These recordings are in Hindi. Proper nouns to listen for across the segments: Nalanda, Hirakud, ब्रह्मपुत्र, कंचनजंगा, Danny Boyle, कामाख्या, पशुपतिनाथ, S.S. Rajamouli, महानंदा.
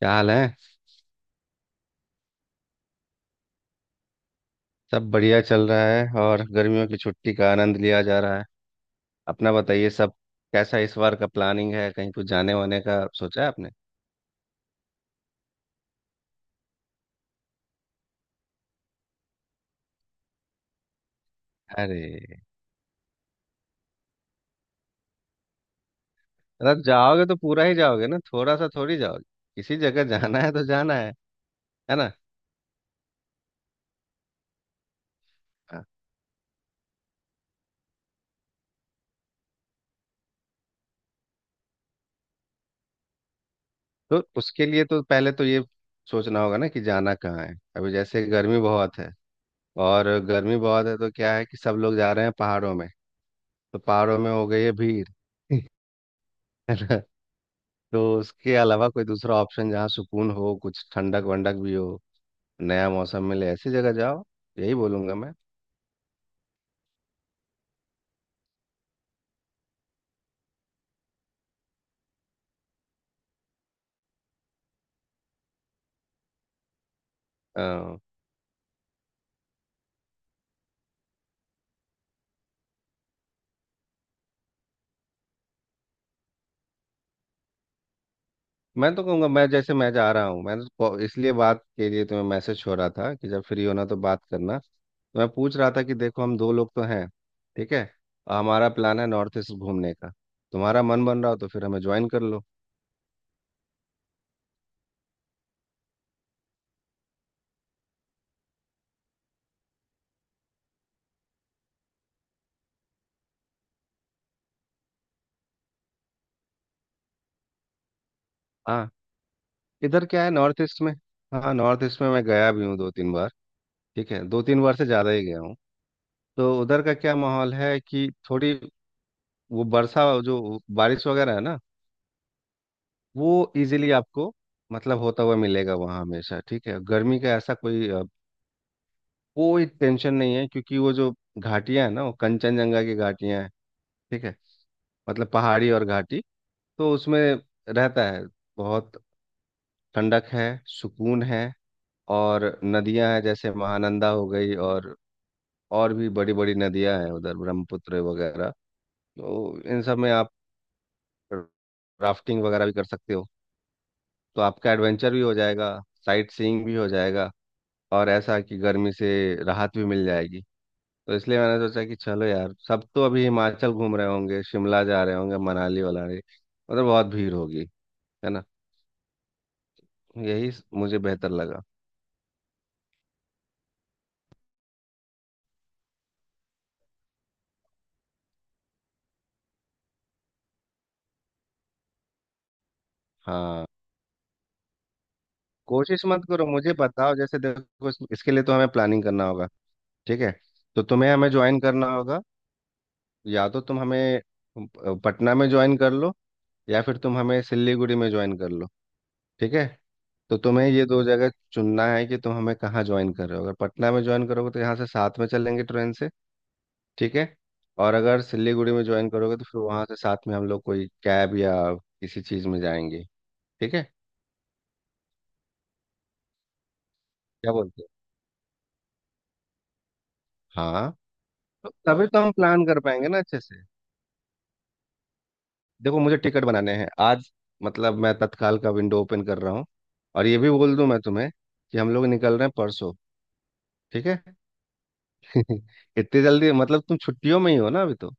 क्या हाल है? सब बढ़िया चल रहा है और गर्मियों की छुट्टी का आनंद लिया जा रहा है। अपना बताइए सब। कैसा इस बार का प्लानिंग है? कहीं कुछ जाने वाने का सोचा है आपने? अरे, अगर जाओगे तो पूरा ही जाओगे ना, थोड़ा सा थोड़ी जाओगे। किसी जगह जाना है तो जाना है ना। हाँ। तो उसके लिए तो पहले तो ये सोचना होगा ना कि जाना कहाँ है। अभी जैसे गर्मी बहुत है, और गर्मी बहुत है तो क्या है कि सब लोग जा रहे हैं पहाड़ों में। तो पहाड़ों में हो गई है भीड़ है। तो उसके अलावा कोई दूसरा ऑप्शन जहाँ सुकून हो, कुछ ठंडक वंडक भी हो, नया मौसम मिले, ऐसी जगह जाओ, यही बोलूंगा मैं। अ, मैं तो कहूँगा, मैं जैसे मैं जा रहा हूँ, मैं इसलिए बात के लिए तुम्हें मैसेज छोड़ रहा था कि जब फ्री होना तो बात करना। तो मैं पूछ रहा था कि देखो, हम दो लोग तो हैं, ठीक है, और हमारा प्लान है नॉर्थ ईस्ट घूमने का। तुम्हारा मन बन रहा हो तो फिर हमें ज्वाइन कर लो। हाँ। इधर क्या है नॉर्थ ईस्ट में? हाँ, नॉर्थ ईस्ट में मैं गया भी हूँ दो तीन बार। ठीक है, दो तीन बार से ज़्यादा ही गया हूँ। तो उधर का क्या माहौल है कि थोड़ी वो वर्षा जो, बारिश वगैरह है ना, वो इजीली आपको मतलब होता हुआ मिलेगा वहाँ हमेशा। ठीक है, गर्मी का ऐसा कोई कोई टेंशन नहीं है, क्योंकि वो जो घाटियाँ हैं ना, वो कंचनजंगा की घाटियाँ हैं। ठीक है, मतलब पहाड़ी और घाटी, तो उसमें रहता है बहुत ठंडक है, सुकून है। और नदियाँ हैं जैसे महानंदा हो गई, और भी बड़ी बड़ी नदियाँ हैं उधर, ब्रह्मपुत्र वगैरह। तो इन सब में आप राफ्टिंग वगैरह भी कर सकते हो, तो आपका एडवेंचर भी हो जाएगा, साइट सीइंग भी हो जाएगा, और ऐसा कि गर्मी से राहत भी मिल जाएगी। तो इसलिए मैंने सोचा कि चलो यार, सब तो अभी हिमाचल घूम रहे होंगे, शिमला जा रहे होंगे, मनाली वनाली, मतलब बहुत भीड़ होगी, है ना। मुझे बेहतर लगा। हाँ, कोशिश मत करो, मुझे बताओ। जैसे देखो, इसके लिए तो हमें प्लानिंग करना होगा। ठीक है, तो तुम्हें हमें ज्वाइन करना होगा। या तो तुम हमें पटना में ज्वाइन कर लो, या फिर तुम हमें सिलीगुड़ी में ज्वाइन कर लो। ठीक है, तो तुम्हें ये दो जगह चुनना है कि तुम हमें कहाँ ज्वाइन कर रहे हो। अगर पटना में ज्वाइन करोगे तो यहाँ से साथ में चलेंगे ट्रेन से। ठीक है, और अगर सिलीगुड़ी में ज्वाइन करोगे तो फिर वहाँ से साथ में हम लोग कोई कैब या किसी चीज़ में जाएंगे। ठीक है, क्या बोलते हो? हाँ, तो तभी तो हम प्लान कर पाएंगे ना अच्छे से। देखो, मुझे टिकट बनाने हैं आज, मतलब मैं तत्काल का विंडो ओपन कर रहा हूँ। और ये भी बोल दूं मैं तुम्हें कि हम लोग निकल रहे हैं परसों। ठीक है इतनी जल्दी, मतलब तुम छुट्टियों में ही हो ना अभी तो।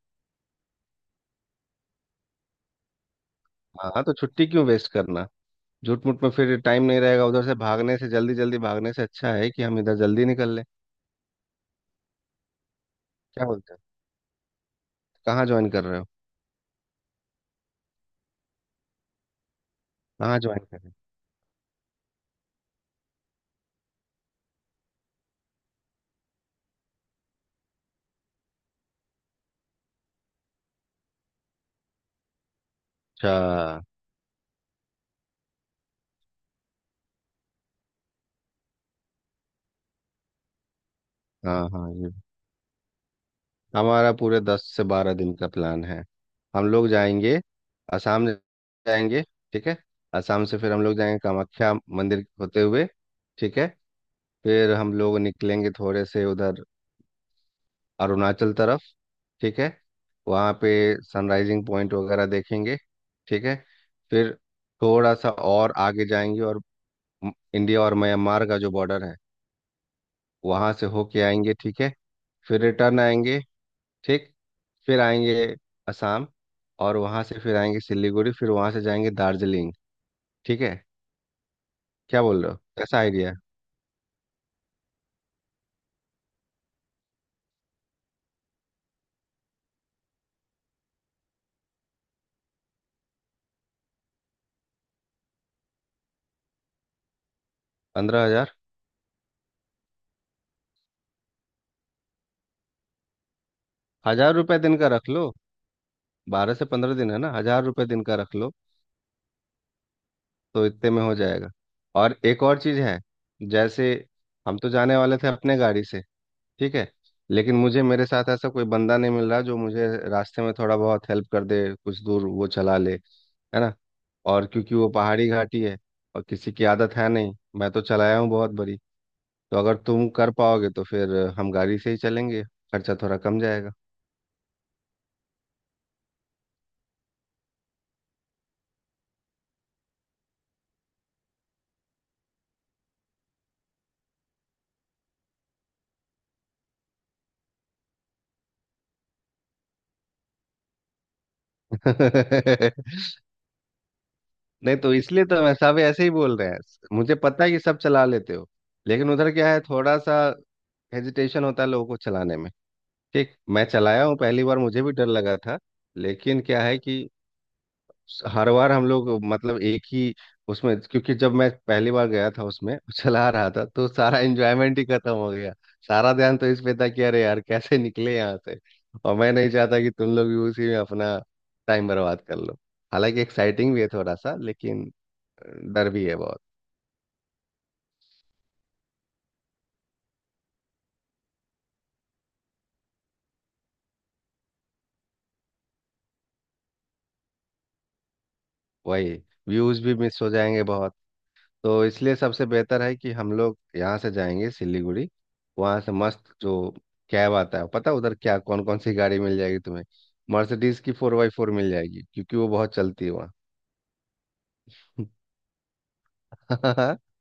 हाँ, तो छुट्टी क्यों वेस्ट करना झूठ मूठ में? फिर टाइम नहीं रहेगा, उधर से भागने से, जल्दी जल्दी भागने से अच्छा है कि हम इधर जल्दी निकल लें। क्या बोलते हैं? कहाँ ज्वाइन कर रहे हो? कहाँ ज्वाइन कर रहे हो? अच्छा। हाँ हाँ, ये हमारा पूरे 10 से 12 दिन का प्लान है। हम लोग जाएंगे असम जाएंगे। ठीक है, असम से फिर हम लोग जाएंगे कामाख्या मंदिर होते हुए। ठीक है, फिर हम लोग निकलेंगे थोड़े से उधर अरुणाचल तरफ। ठीक है, वहाँ पे सनराइजिंग पॉइंट वगैरह देखेंगे। ठीक है, फिर थोड़ा सा और आगे जाएंगे, और इंडिया और म्यांमार का जो बॉर्डर है, वहाँ से होके आएंगे। ठीक है, फिर रिटर्न आएंगे। ठीक, फिर आएंगे असम, और वहाँ से फिर आएंगे सिलीगुड़ी, फिर वहाँ से जाएंगे दार्जिलिंग। ठीक है, क्या बोल रहे हो, कैसा आइडिया है? 15,000। हजार रुपये दिन का रख लो, 12 से 15 दिन है ना, हजार रुपये दिन का रख लो, तो इतने में हो जाएगा। और एक और चीज़ है, जैसे हम तो जाने वाले थे अपने गाड़ी से। ठीक है, लेकिन मुझे मेरे साथ ऐसा कोई बंदा नहीं मिल रहा जो मुझे रास्ते में थोड़ा बहुत हेल्प कर दे, कुछ दूर वो चला ले, है ना। और क्योंकि वो पहाड़ी घाटी है, और किसी की आदत है नहीं, मैं तो चलाया हूँ बहुत बड़ी। तो अगर तुम कर पाओगे तो फिर हम गाड़ी से ही चलेंगे, खर्चा थोड़ा कम जाएगा। नहीं, तो इसलिए तो मैं सब ऐसे ही बोल रहे हैं। मुझे पता है कि सब चला लेते हो, लेकिन उधर क्या है, थोड़ा सा हेजिटेशन होता है लोगों को चलाने में। ठीक, मैं चलाया हूँ पहली बार, मुझे भी डर लगा था। लेकिन क्या है कि हर बार हम लोग मतलब एक ही उसमें, क्योंकि जब मैं पहली बार गया था उसमें चला रहा था, तो सारा एंजॉयमेंट ही खत्म हो गया। सारा ध्यान तो इस पे था कि अरे यार कैसे निकले यहाँ से। और मैं नहीं चाहता कि तुम लोग भी उसी में अपना टाइम बर्बाद कर लो। हालांकि एक्साइटिंग भी है थोड़ा सा, लेकिन डर भी है बहुत। वही, व्यूज भी मिस हो जाएंगे बहुत। तो इसलिए सबसे बेहतर है कि हम लोग यहाँ से जाएंगे सिलीगुड़ी, वहाँ से मस्त जो कैब आता है, पता है उधर क्या कौन कौन सी गाड़ी मिल जाएगी तुम्हें? मर्सिडीज की फोर बाई फोर मिल जाएगी, क्योंकि वो बहुत चलती है वहाँ।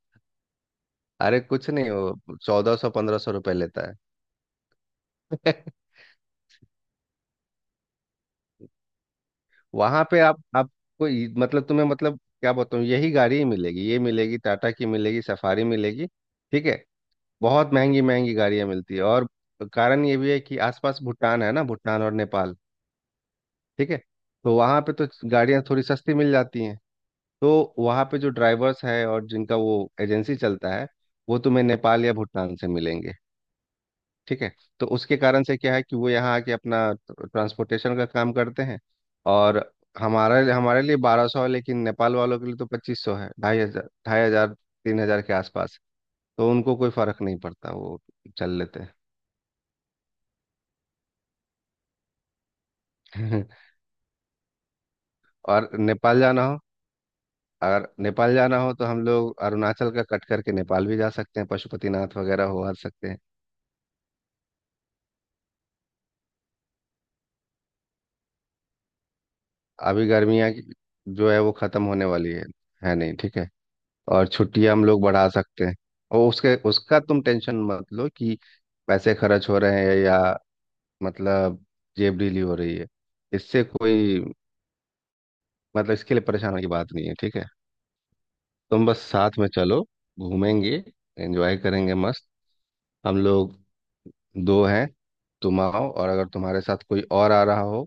अरे कुछ नहीं, वो 1,400 1,500 रुपये लेता है। वहाँ पे आप मतलब तुम्हें, मतलब क्या बताऊँ, यही गाड़ी ही मिलेगी, ये मिलेगी, टाटा की मिलेगी, सफारी मिलेगी। ठीक है, बहुत महंगी महंगी गाड़ियाँ मिलती है। और कारण ये भी है कि आसपास भूटान है ना, भूटान और नेपाल। ठीक है, तो वहाँ पे तो गाड़ियाँ थोड़ी सस्ती मिल जाती हैं। तो वहाँ पे जो ड्राइवर्स है और जिनका वो एजेंसी चलता है, वो तुम्हें नेपाल या भूटान से मिलेंगे। ठीक है, तो उसके कारण से क्या है कि वो यहाँ आके अपना ट्रांसपोर्टेशन का काम करते हैं। और हमारे हमारे लिए 1,200 है, लेकिन नेपाल वालों के लिए तो 2,500 है, 2,500, 2,500 3,000 के आसपास। तो उनको कोई फर्क नहीं पड़ता, वो चल लेते हैं। और नेपाल जाना हो, अगर नेपाल जाना हो तो हम लोग अरुणाचल का कट करके नेपाल भी जा सकते हैं, पशुपतिनाथ वगैरह हो आ सकते हैं। अभी जो है वो ख़त्म होने वाली है नहीं, ठीक है। और छुट्टियाँ हम लोग बढ़ा सकते हैं। और उसके उसका तुम टेंशन मत लो कि पैसे खर्च हो रहे हैं या मतलब जेब ढीली हो रही है, इससे कोई मतलब इसके लिए परेशान होने की बात नहीं है। ठीक है, तुम बस साथ में चलो, घूमेंगे, एंजॉय करेंगे मस्त। हम लोग दो हैं, तुम आओ, और अगर तुम्हारे साथ कोई और आ रहा हो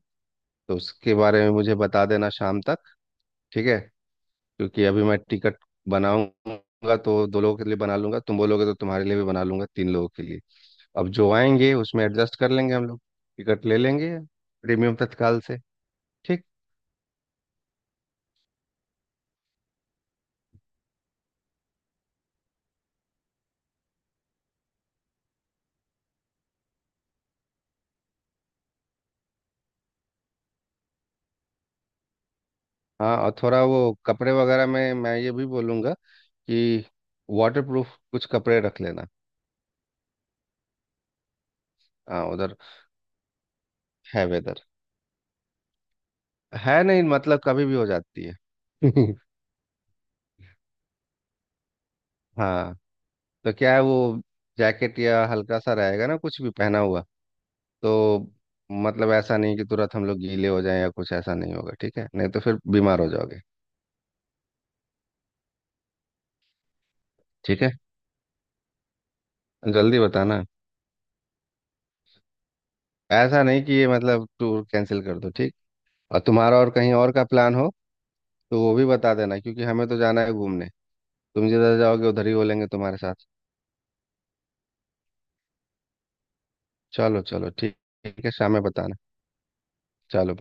तो उसके बारे में मुझे बता देना शाम तक। ठीक है, क्योंकि अभी मैं टिकट बनाऊंगा तो दो लोगों के लिए बना लूंगा, तुम बोलोगे तो तुम्हारे लिए भी बना लूंगा तीन लोगों के लिए। अब जो आएंगे उसमें एडजस्ट कर लेंगे हम लोग, टिकट ले लेंगे प्रीमियम तत्काल से। ठीक। हाँ, और थोड़ा वो कपड़े वगैरह में मैं ये भी बोलूँगा कि वाटर प्रूफ कुछ कपड़े रख लेना। हाँ, उधर है वेदर, है नहीं, मतलब कभी भी हो जाती है। हाँ, तो क्या है, वो जैकेट या हल्का सा रहेगा ना कुछ भी पहना हुआ, तो मतलब ऐसा नहीं कि तुरंत हम लोग गीले हो जाएं या कुछ, ऐसा नहीं होगा। ठीक है, नहीं तो फिर बीमार हो जाओगे। ठीक है, जल्दी बताना। ऐसा नहीं कि ये मतलब टूर कैंसिल कर दो, ठीक। और तुम्हारा और कहीं और का प्लान हो तो वो भी बता देना, क्योंकि हमें तो जाना है घूमने, तुम जिधर जाओगे उधर ही बोलेंगे तुम्हारे साथ। चलो चलो, ठीक, ठीक है, शाम में बताना। चलो।